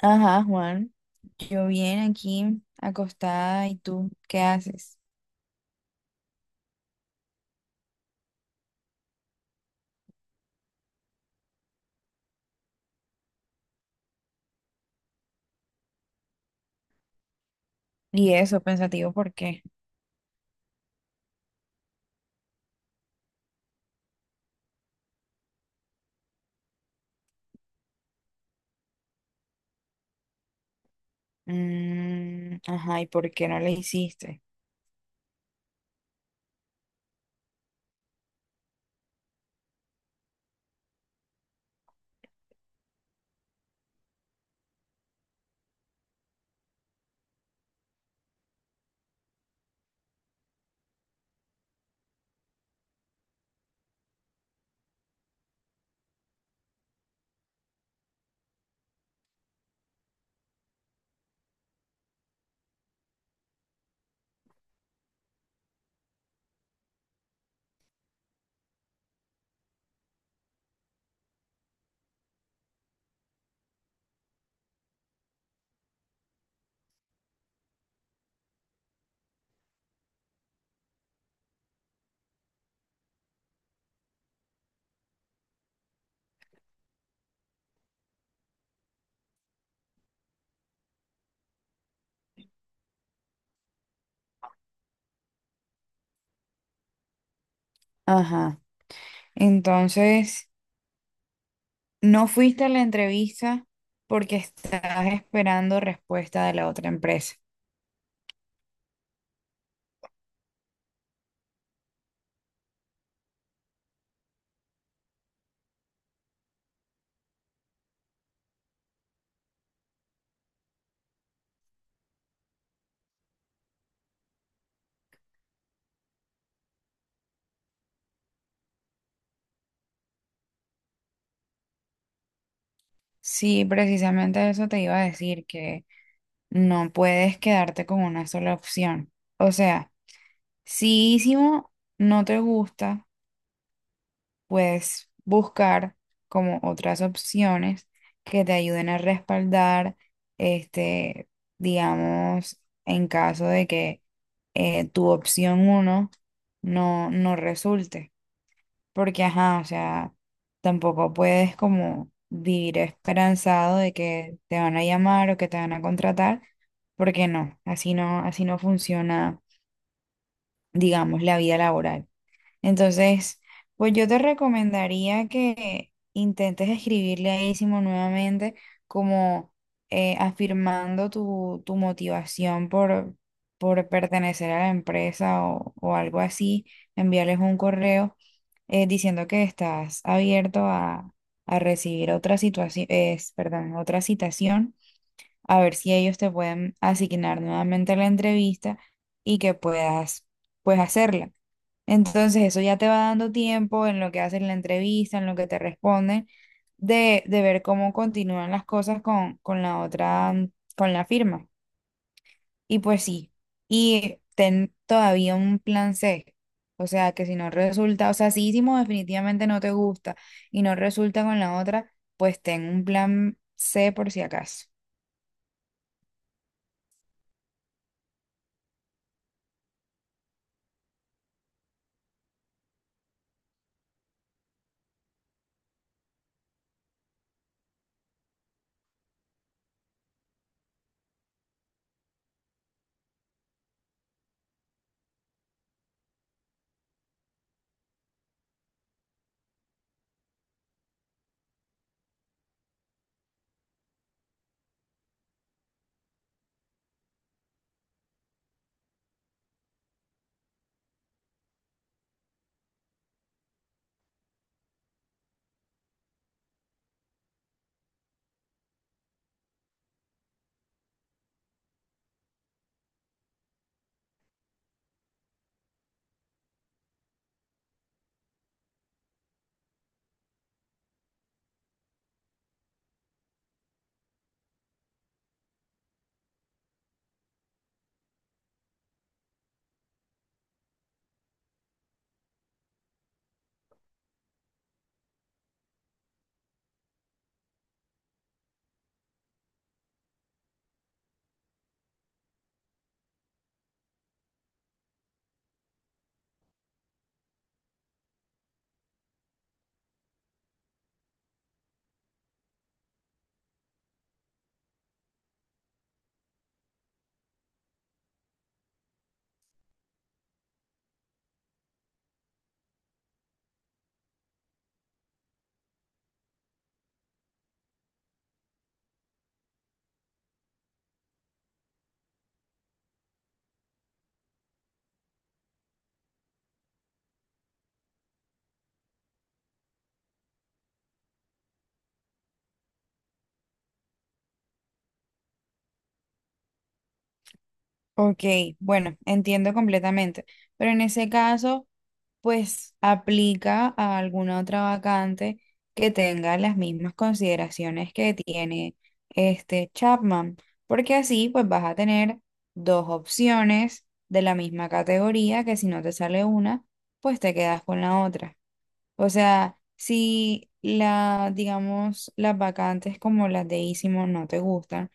Ajá, Juan. Yo bien aquí, acostada, ¿y tú qué haces? Y eso, pensativo, ¿por qué? Mm, ajá, ¿y por qué no le hiciste? Ajá. Entonces, no fuiste a la entrevista porque estás esperando respuesta de la otra empresa. Sí, precisamente eso te iba a decir, que no puedes quedarte con una sola opción. O sea, si Ísimo no te gusta, puedes buscar como otras opciones que te ayuden a respaldar, este, digamos, en caso de que tu opción uno no resulte. Porque, ajá, o sea, tampoco puedes como vivir esperanzado de que te van a llamar o que te van a contratar, porque no, así no, así no funciona, digamos, la vida laboral. Entonces, pues yo te recomendaría que intentes escribirle a Isimo nuevamente, como afirmando tu motivación por pertenecer a la empresa o algo así, enviarles un correo diciendo que estás abierto a recibir otra situación, es, perdón, otra citación, a ver si ellos te pueden asignar nuevamente la entrevista y que puedas, pues, hacerla. Entonces eso ya te va dando tiempo en lo que hacen la entrevista, en lo que te responden, de ver cómo continúan las cosas con la otra, con la firma. Y pues sí, y ten todavía un plan C. O sea, que si no resulta, o sea, si hicimos definitivamente no te gusta y no resulta con la otra, pues ten un plan C por si acaso. Ok, bueno, entiendo completamente. Pero en ese caso, pues aplica a alguna otra vacante que tenga las mismas consideraciones que tiene este Chapman, porque así pues vas a tener dos opciones de la misma categoría que si no te sale una, pues te quedas con la otra. O sea, si la, digamos, las vacantes como las de Isimo no te gustan,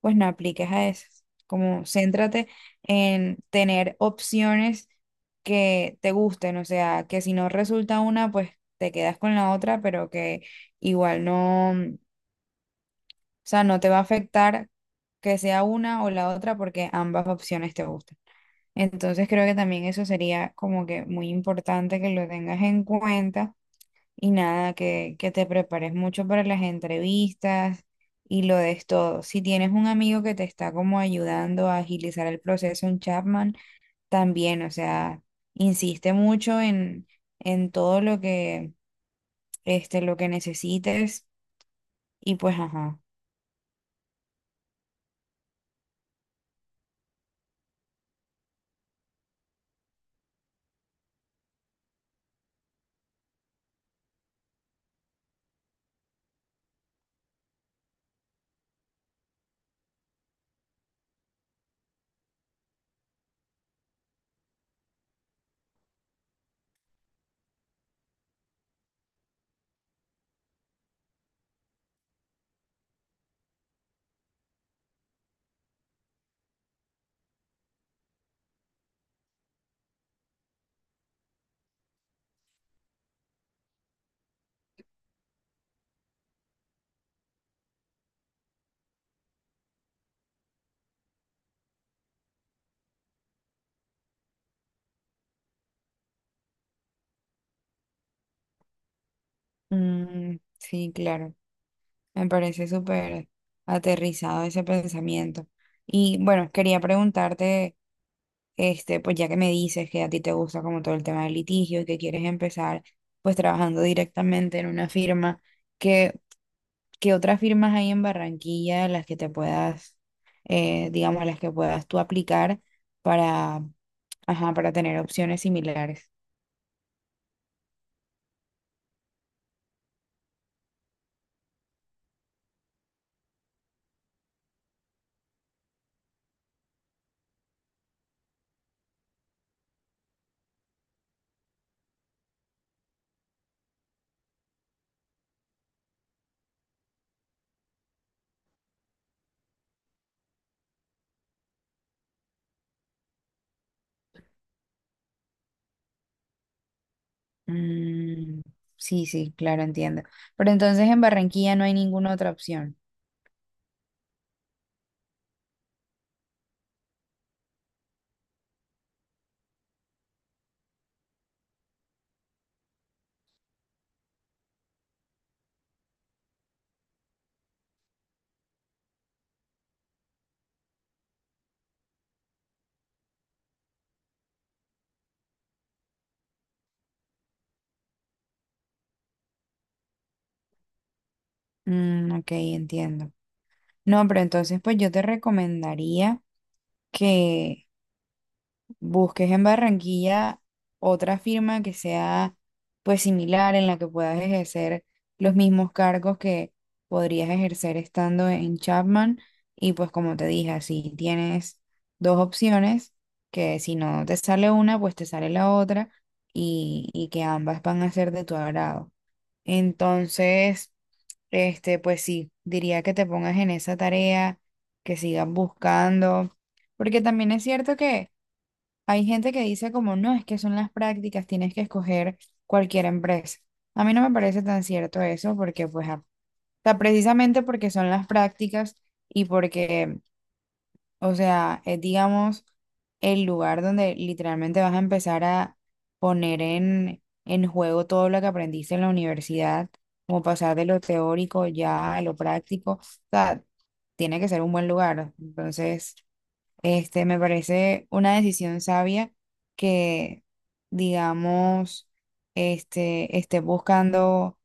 pues no apliques a esas. Como céntrate en tener opciones que te gusten, o sea, que si no resulta una, pues te quedas con la otra, pero que igual no, o sea, no te va a afectar que sea una o la otra porque ambas opciones te gustan. Entonces creo que también eso sería como que muy importante que lo tengas en cuenta y nada, que te prepares mucho para las entrevistas y lo des todo. Si tienes un amigo que te está como ayudando a agilizar el proceso, un Chapman, también, o sea, insiste mucho en todo lo que, este, lo que necesites y pues, ajá. Mm, sí, claro, me parece súper aterrizado ese pensamiento. Y bueno, quería preguntarte. Este, pues ya que me dices que a ti te gusta como todo el tema del litigio y que quieres empezar pues trabajando directamente en una firma, ¿qué, qué otras firmas hay en Barranquilla en las que te puedas, digamos, a las que puedas tú aplicar para, ajá, para tener opciones similares? Mm, sí, sí, claro, entiendo. Pero entonces en Barranquilla no hay ninguna otra opción. Mm, ok, entiendo. No, pero entonces pues yo te recomendaría que busques en Barranquilla otra firma que sea pues similar en la que puedas ejercer los mismos cargos que podrías ejercer estando en Chapman y pues como te dije, así tienes dos opciones que si no te sale una, pues te sale la otra y que ambas van a ser de tu agrado. Entonces, este, pues sí, diría que te pongas en esa tarea, que sigas buscando, porque también es cierto que hay gente que dice como, no, es que son las prácticas, tienes que escoger cualquier empresa. A mí no me parece tan cierto eso porque, pues, ah, o sea, precisamente porque son las prácticas y porque, o sea, es, digamos, el lugar donde literalmente vas a empezar a poner en juego todo lo que aprendiste en la universidad, como pasar de lo teórico ya a lo práctico. O sea, tiene que ser un buen lugar. Entonces, este, me parece una decisión sabia que, digamos, este, esté buscando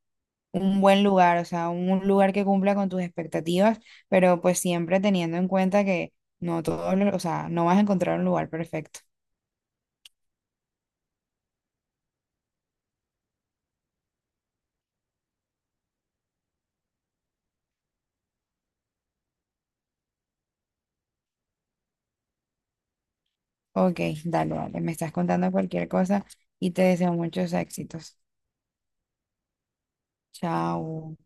un buen lugar, o sea, un lugar que cumpla con tus expectativas, pero pues siempre teniendo en cuenta que no todo, o sea, no vas a encontrar un lugar perfecto. Ok, dale, dale, me estás contando cualquier cosa y te deseo muchos éxitos. Chao.